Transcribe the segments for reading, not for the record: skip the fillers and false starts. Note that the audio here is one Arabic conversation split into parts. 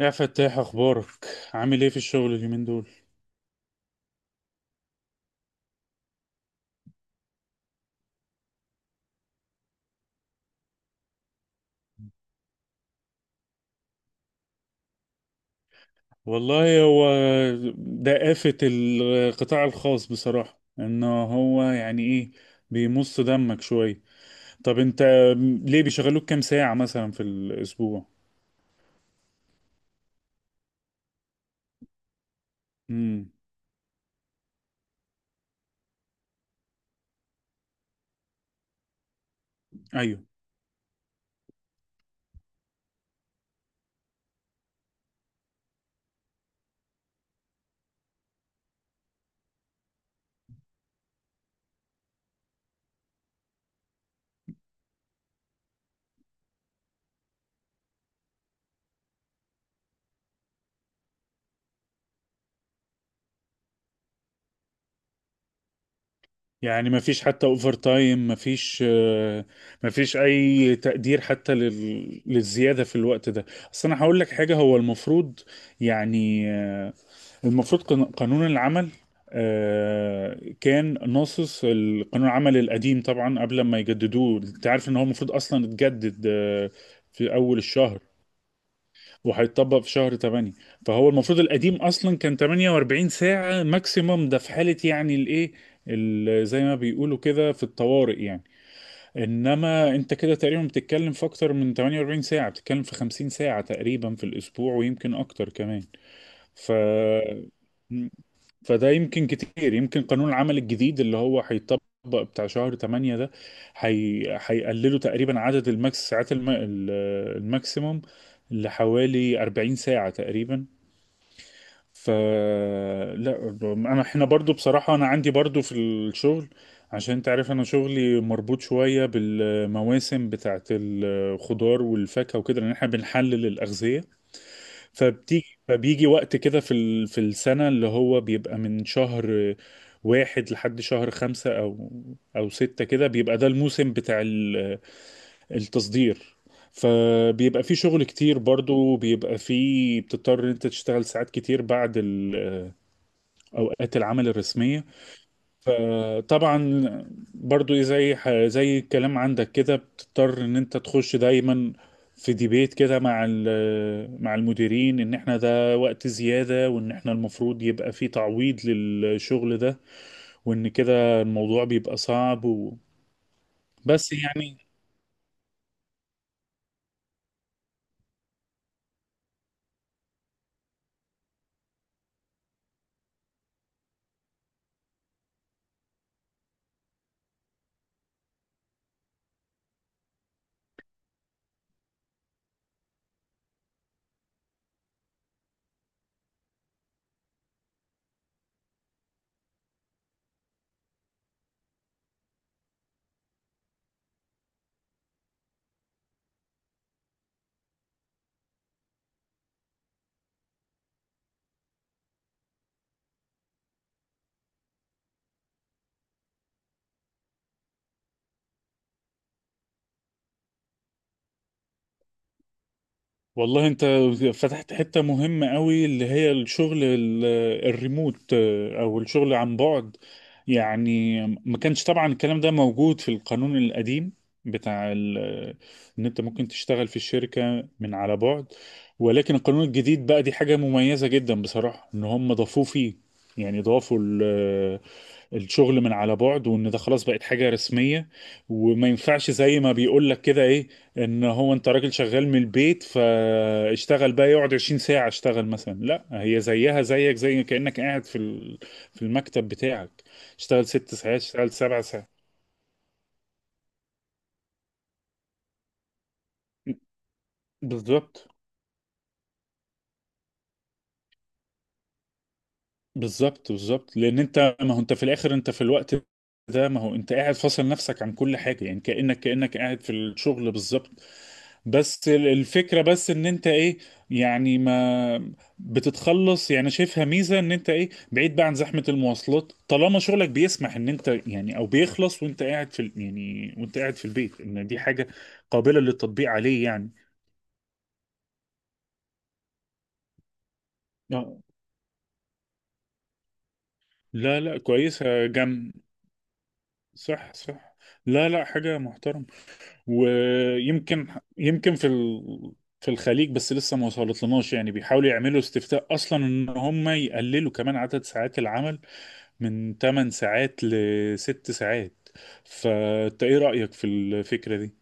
يا فتاح، اخبارك؟ عامل ايه في الشغل اليومين دول؟ والله هو ده آفة القطاع الخاص بصراحة ان هو يعني ايه، بيمص دمك شوية. طب انت ليه بيشغلوك كام ساعة مثلا في الاسبوع؟ امم ايوه، يعني ما فيش حتى اوفر تايم، ما فيش، ما فيش اي تقدير حتى للزيادة في الوقت ده. اصل انا هقول لك حاجة، هو المفروض يعني المفروض قانون العمل كان ناصص. القانون العمل القديم طبعا قبل ما يجددوه، انت عارف ان هو المفروض اصلا اتجدد في اول الشهر، وهيتطبق في شهر 8. فهو المفروض القديم اصلا كان 48 ساعة ماكسيموم، ده في حالة يعني الايه، زي ما بيقولوا كده في الطوارئ يعني. انما انت كده تقريبا بتتكلم في اكتر من 48 ساعة، بتتكلم في 50 ساعة تقريبا في الاسبوع، ويمكن اكتر كمان. ف فده يمكن كتير، يمكن قانون العمل الجديد اللي هو هيطبق بتاع شهر 8 ده هيقللوا تقريبا عدد الماكس ساعات الماكسيموم لحوالي 40 ساعة تقريبا. ف لا، انا احنا برضو بصراحة انا عندي برضو في الشغل، عشان انت عارف انا شغلي مربوط شوية بالمواسم بتاعت الخضار والفاكهة وكده، لان احنا بنحلل الأغذية. فبيجي وقت كده في السنة، اللي هو بيبقى من شهر 1 لحد شهر 5 أو 6 كده، بيبقى ده الموسم بتاع التصدير. فبيبقى في شغل كتير، برضو بيبقى في، بتضطر إن انت تشتغل ساعات كتير بعد اوقات العمل الرسمية. فطبعا برضو إيه، زي زي الكلام عندك كده، بتضطر ان انت تخش دايما في ديبيت كده مع مع المديرين ان احنا ده وقت زيادة، وان احنا المفروض يبقى في تعويض للشغل ده، وان كده الموضوع بيبقى صعب و... بس يعني. والله انت فتحت حتة مهمة قوي، اللي هي الشغل الريموت او الشغل عن بعد. يعني ما كانش طبعا الكلام ده موجود في القانون القديم بتاع ان انت ممكن تشتغل في الشركة من على بعد، ولكن القانون الجديد بقى دي حاجة مميزة جدا بصراحة ان هم ضافوه فيه، يعني ضافوا الشغل من على بعد، وان ده خلاص بقت حاجة رسمية. وما ينفعش زي ما بيقول لك كده ايه، ان هو انت راجل شغال من البيت فاشتغل بقى، يقعد 20 ساعة اشتغل مثلا، لا هي زيها زيك زي كأنك قاعد في المكتب بتاعك، اشتغل 6 ساعات، اشتغل 7 ساعات. بالظبط، بالظبط، بالظبط، لان انت، ما هو انت في الاخر انت في الوقت ده، ما هو انت قاعد فاصل نفسك عن كل حاجه، يعني كانك قاعد في الشغل بالظبط. بس الفكره بس ان انت ايه، يعني ما بتتخلص، يعني شايفها ميزه ان انت ايه، بعيد بقى عن زحمه المواصلات، طالما شغلك بيسمح ان انت يعني، او بيخلص وانت قاعد يعني وانت قاعد في البيت، ان دي حاجه قابله للتطبيق عليه يعني. آه. لا لا، كويسه جم. صح صح. لا لا، حاجه محترمه. ويمكن، يمكن في ال... في الخليج بس لسه ما وصلتلناش، يعني بيحاولوا يعملوا استفتاء اصلا ان هم يقللوا كمان عدد ساعات العمل من 8 ساعات ل 6 ساعات. فانت ايه رأيك في الفكرة دي؟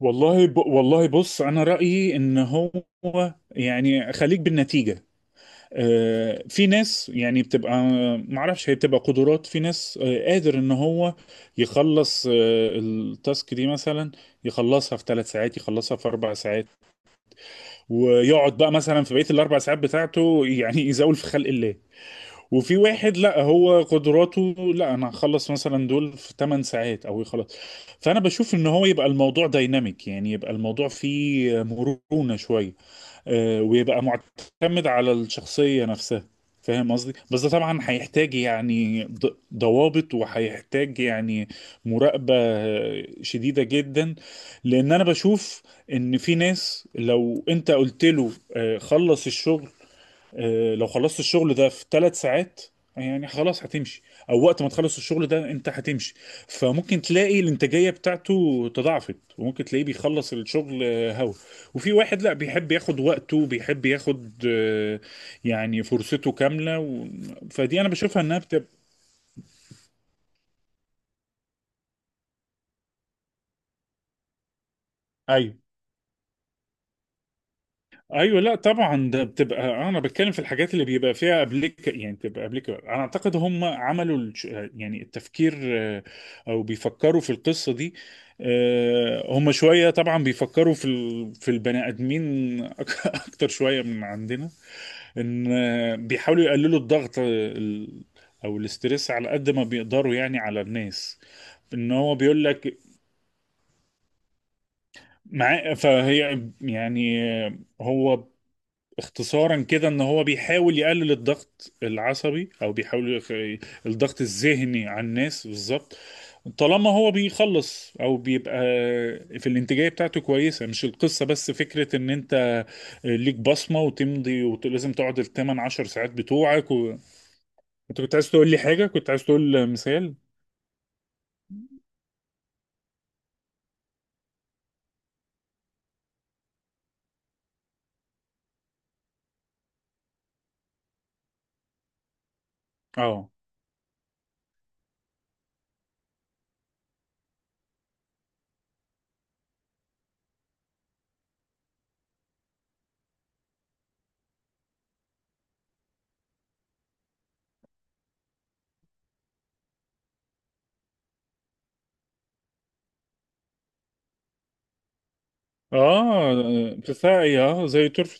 والله بص، انا رأيي ان هو يعني خليك بالنتيجة. في ناس يعني بتبقى، معرفش هي بتبقى قدرات. في ناس قادر ان هو يخلص التاسك دي مثلا، يخلصها في 3 ساعات، يخلصها في 4 ساعات، ويقعد بقى مثلا في بقية الاربع ساعات بتاعته يعني يزاول في خلق الله. وفي واحد لا، هو قدراته، لا انا هخلص مثلا دول في 8 ساعات او يخلص. فانا بشوف ان هو يبقى الموضوع دايناميك، يعني يبقى الموضوع فيه مرونة شوية، ويبقى معتمد على الشخصية نفسها. فاهم قصدي، بس ده طبعا هيحتاج يعني ضوابط، وهيحتاج يعني مراقبة شديدة جدا، لان انا بشوف ان في ناس لو انت قلت له خلص الشغل، لو خلصت الشغل ده في 3 ساعات يعني خلاص هتمشي، او وقت ما تخلص الشغل ده انت هتمشي، فممكن تلاقي الانتاجيه بتاعته تضاعفت، وممكن تلاقيه بيخلص الشغل هوا. وفي واحد لا، بيحب ياخد وقته، بيحب ياخد يعني فرصته كامله و... فدي انا بشوفها انها بتبقى. ايوه ايوه، لا طبعا، ده بتبقى انا بتكلم في الحاجات اللي بيبقى فيها ابليك، يعني بتبقى ابليك. انا اعتقد هم عملوا يعني التفكير، آه، او بيفكروا في القصه دي. هم شويه طبعا بيفكروا في البني ادمين اكتر شويه من عندنا، ان بيحاولوا يقللوا الضغط ال- او الاسترس على قد ما بيقدروا يعني على الناس. ان هو بيقول لك مع فهي يعني هو اختصارا كده ان هو بيحاول يقلل الضغط العصبي، او بيحاول الضغط الذهني على الناس بالظبط. طالما هو بيخلص او بيبقى في الانتاجيه بتاعته كويسه، مش القصه بس فكره ان انت ليك بصمه وتمضي ولازم تقعد الثمان عشر ساعات بتوعك و... انت كنت عايز تقول لي حاجه، كنت عايز تقول مثال. اه اه، بتاعي اه زي طرف.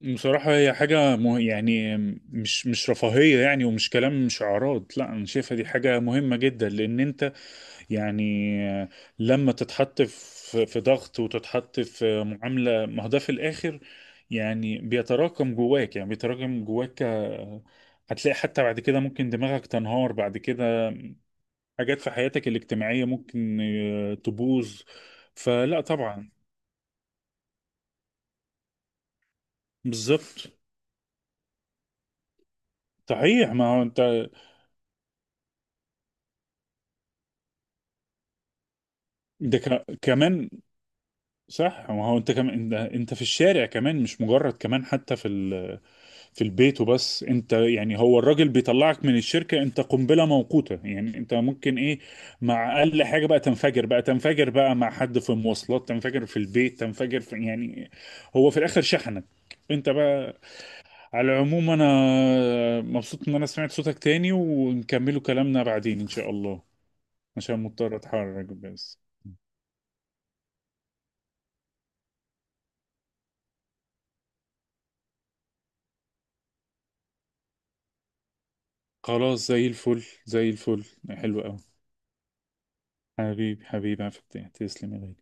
بصراحة هي حاجة يعني، مش رفاهية، يعني ومش كلام، مش أعراض، لا أنا شايفها دي حاجة مهمة جدا، لأن أنت يعني، لما تتحط في ضغط وتتحط في معاملة، ما هو ده في الآخر يعني بيتراكم جواك، يعني بيتراكم جواك هتلاقي حتى بعد كده ممكن دماغك تنهار بعد كده، حاجات في حياتك الاجتماعية ممكن تبوظ. فلا طبعا. بالظبط. صحيح. ما هو أنت، ده كمان، صح. ما هو انت كمان، انت في الشارع كمان، مش مجرد كمان حتى في البيت وبس. انت يعني، هو الراجل بيطلعك من الشركة انت قنبلة موقوتة، يعني انت ممكن ايه، مع اقل حاجة بقى تنفجر بقى، تنفجر بقى مع حد في المواصلات، تنفجر في البيت، تنفجر في يعني، هو في الاخر شحنك انت بقى. على العموم انا مبسوط ان انا سمعت صوتك تاني، ونكملوا كلامنا بعدين ان شاء الله، عشان مضطر اتحرك بس. خلاص، زي الفل زي الفل، حلو قوي. حبيبي حبيبي، عفتي، تسلمي لي.